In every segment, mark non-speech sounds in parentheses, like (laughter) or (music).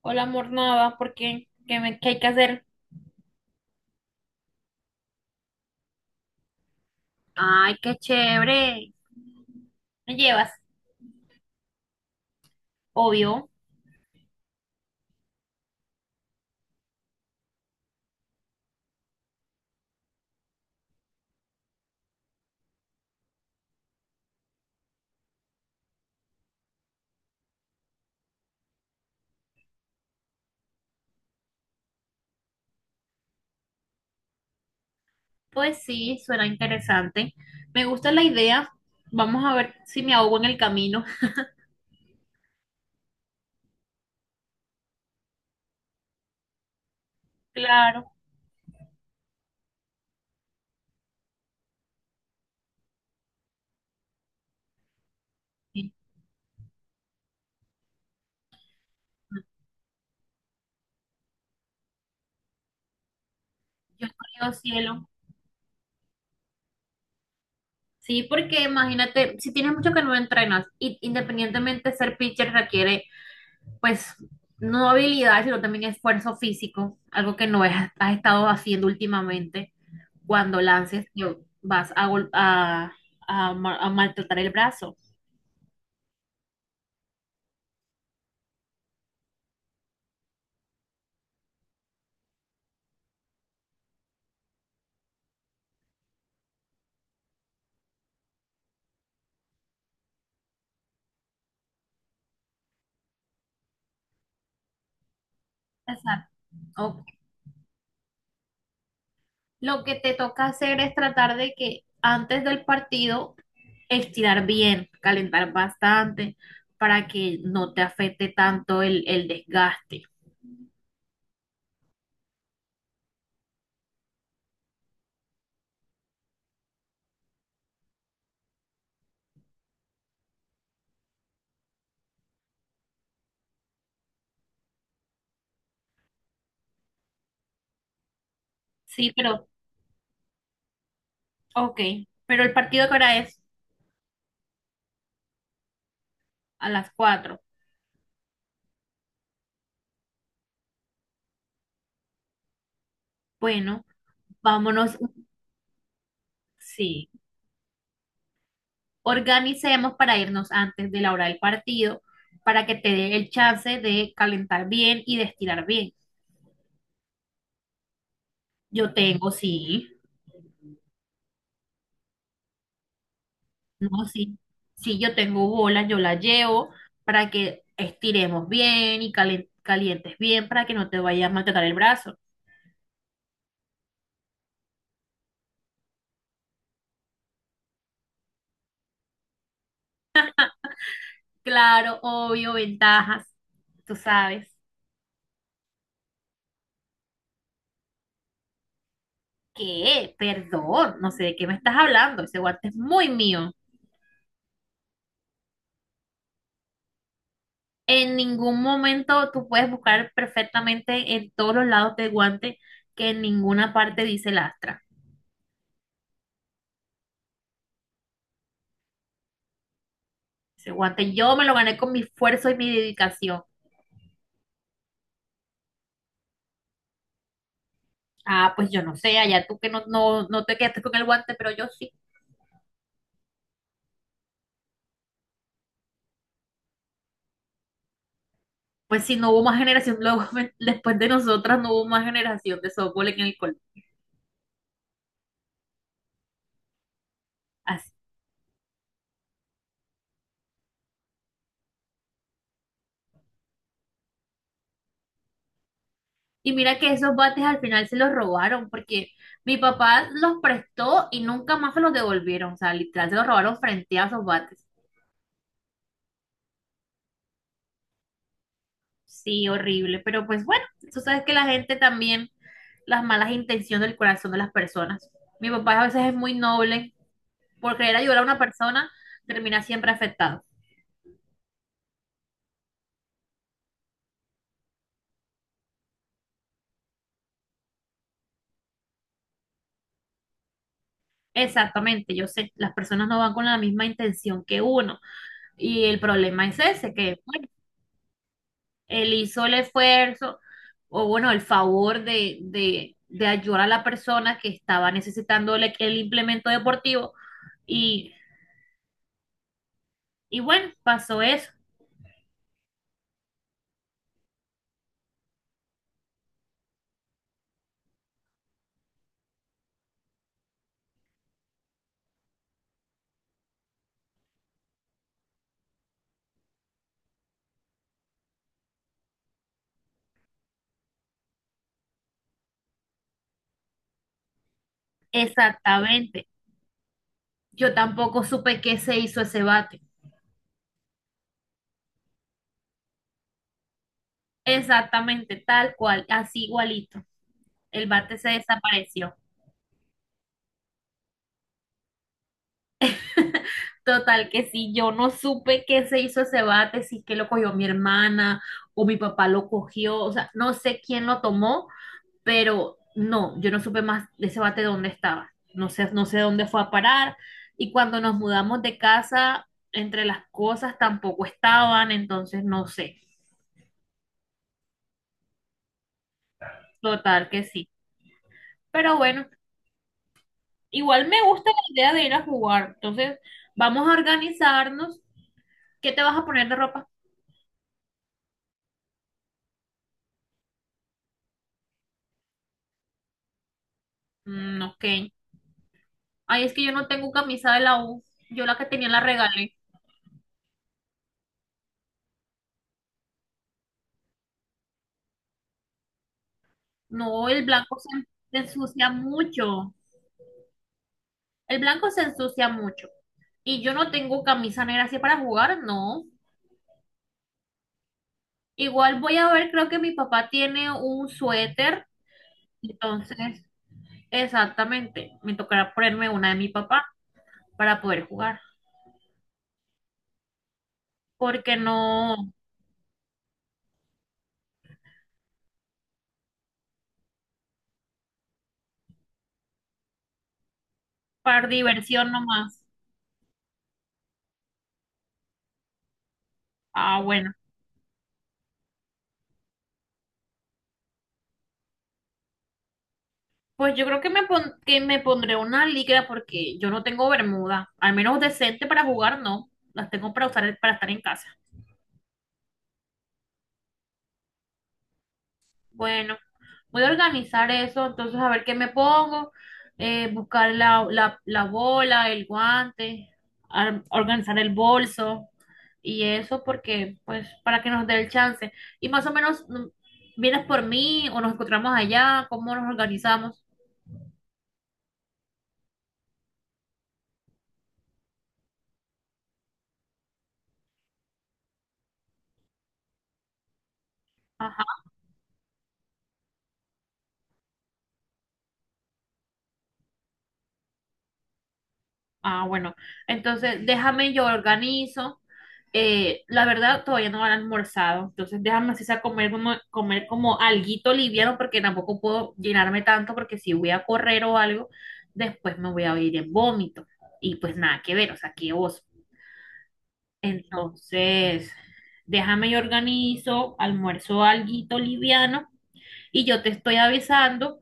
Hola, amor, nada, ¿por qué? ¿Qué, qué hay que hacer? Ay, qué chévere. ¿Me llevas? Obvio. Pues sí, suena interesante. Me gusta la idea. Vamos a ver si me ahogo en el camino. Claro. Sí. Yo creo, cielo. Sí, porque imagínate, si tienes mucho que no entrenas, y independientemente ser pitcher requiere, pues, no habilidad, sino también esfuerzo físico, algo que no has estado haciendo últimamente. Cuando lances te vas a, gol- a ma- a maltratar el brazo. Exacto. Ok. Lo que te toca hacer es tratar de que antes del partido estirar bien, calentar bastante para que no te afecte tanto el desgaste. Sí, pero, ok, pero el partido que ahora es a las 4. Bueno, vámonos. Sí. Organicemos para irnos antes de la hora del partido, para que te dé el chance de calentar bien y de estirar bien. Yo tengo, sí, no, sí, sí, yo tengo bolas, yo las llevo para que estiremos bien y calientes bien para que no te vayas a maltratar el brazo. Claro, obvio, ventajas, tú sabes. ¿Qué? Perdón, no sé de qué me estás hablando, ese guante es muy mío. En ningún momento tú puedes buscar perfectamente en todos los lados del guante que en ninguna parte dice lastra. Ese guante yo me lo gané con mi esfuerzo y mi dedicación. Ah, pues yo no sé, allá tú que no, no, no te quedaste con el guante, pero yo sí. Pues si no hubo más generación, luego (laughs) después de nosotras no hubo más generación de softball en el colegio. Así. Y mira que esos bates al final se los robaron porque mi papá los prestó y nunca más se los devolvieron. O sea, literal se los robaron frente a esos bates. Sí, horrible, pero pues bueno, tú sabes que la gente también, las malas intenciones del corazón de las personas. Mi papá a veces es muy noble, por querer ayudar a una persona, termina siempre afectado. Exactamente, yo sé, las personas no van con la misma intención que uno. Y el problema es ese, que bueno, él hizo el esfuerzo o bueno, el favor de ayudar a la persona que estaba necesitando el implemento deportivo. Y, y bueno, pasó eso. Exactamente. Yo tampoco supe qué se hizo ese bate. Exactamente, tal cual, así igualito. El bate se desapareció. (laughs) Total, que sí, yo no supe qué se hizo ese bate, si es que lo cogió mi hermana o mi papá lo cogió, o sea, no sé quién lo tomó, pero no, yo no supe más de ese bate dónde estaba. No sé, no sé dónde fue a parar. Y cuando nos mudamos de casa, entre las cosas tampoco estaban, entonces no sé. Total, que sí. Pero bueno. Igual me gusta la idea de ir a jugar. Entonces, vamos a organizarnos. ¿Qué te vas a poner de ropa? Mm, ok. Ay, es que yo no tengo camisa de la U. Yo la que tenía la regalé. No, el blanco se ensucia mucho. El blanco se ensucia mucho. Y yo no tengo camisa negra así para jugar, no. Igual voy a ver, creo que mi papá tiene un suéter. Entonces, exactamente. Me tocará ponerme una de mi papá para poder jugar. Porque no. Para diversión nomás. Ah, bueno. Pues yo creo que me pondré una licra porque yo no tengo bermuda. Al menos decente para jugar, no. Las tengo para usar para estar en casa. Bueno, voy a organizar eso. Entonces, a ver qué me pongo. Buscar la bola, el guante, organizar el bolso y eso porque, pues, para que nos dé el chance. Y más o menos, ¿vienes por mí o nos encontramos allá? ¿Cómo nos organizamos? Ah, bueno, entonces déjame yo organizo. La verdad, todavía no han almorzado, entonces déjame así sea comer como alguito liviano porque tampoco puedo llenarme tanto porque si voy a correr o algo, después me voy a ir en vómito y pues nada que ver, o sea, qué oso. Entonces, déjame yo organizo, almuerzo alguito liviano y yo te estoy avisando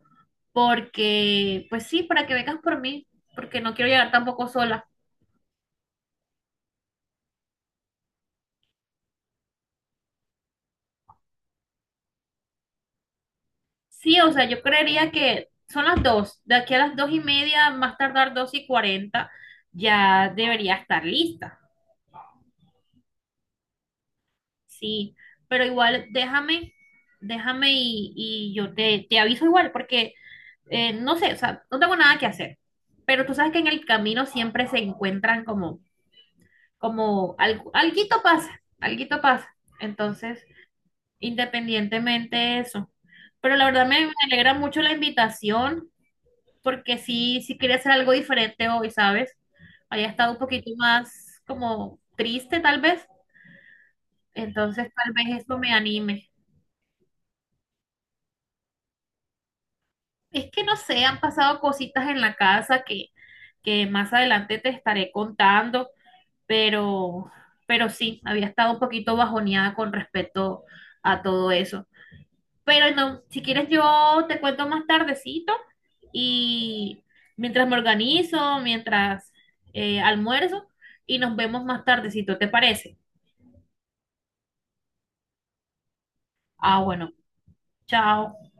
porque, pues sí, para que vengas por mí, porque no quiero llegar tampoco sola. Sí, o sea, yo creería que son las 2. De aquí a las 2:30, más tardar 2:40, ya debería estar lista. Sí, pero igual déjame y yo te aviso igual, porque no sé, o sea, no tengo nada que hacer. Pero tú sabes que en el camino siempre se encuentran como alguito pasa, alguito pasa. Entonces, independientemente de eso. Pero la verdad me alegra mucho la invitación. Porque sí, sí quería hacer algo diferente hoy, ¿sabes? Había estado un poquito más como triste tal vez, entonces tal vez esto me anime. Es que no sé, han pasado cositas en la casa que más adelante te estaré contando, pero, pero sí, había estado un poquito bajoneada con respecto a todo eso. Pero no, si quieres yo te cuento más tardecito y mientras me organizo, mientras almuerzo y nos vemos más tardecito, ¿te parece? Ah, bueno, chao.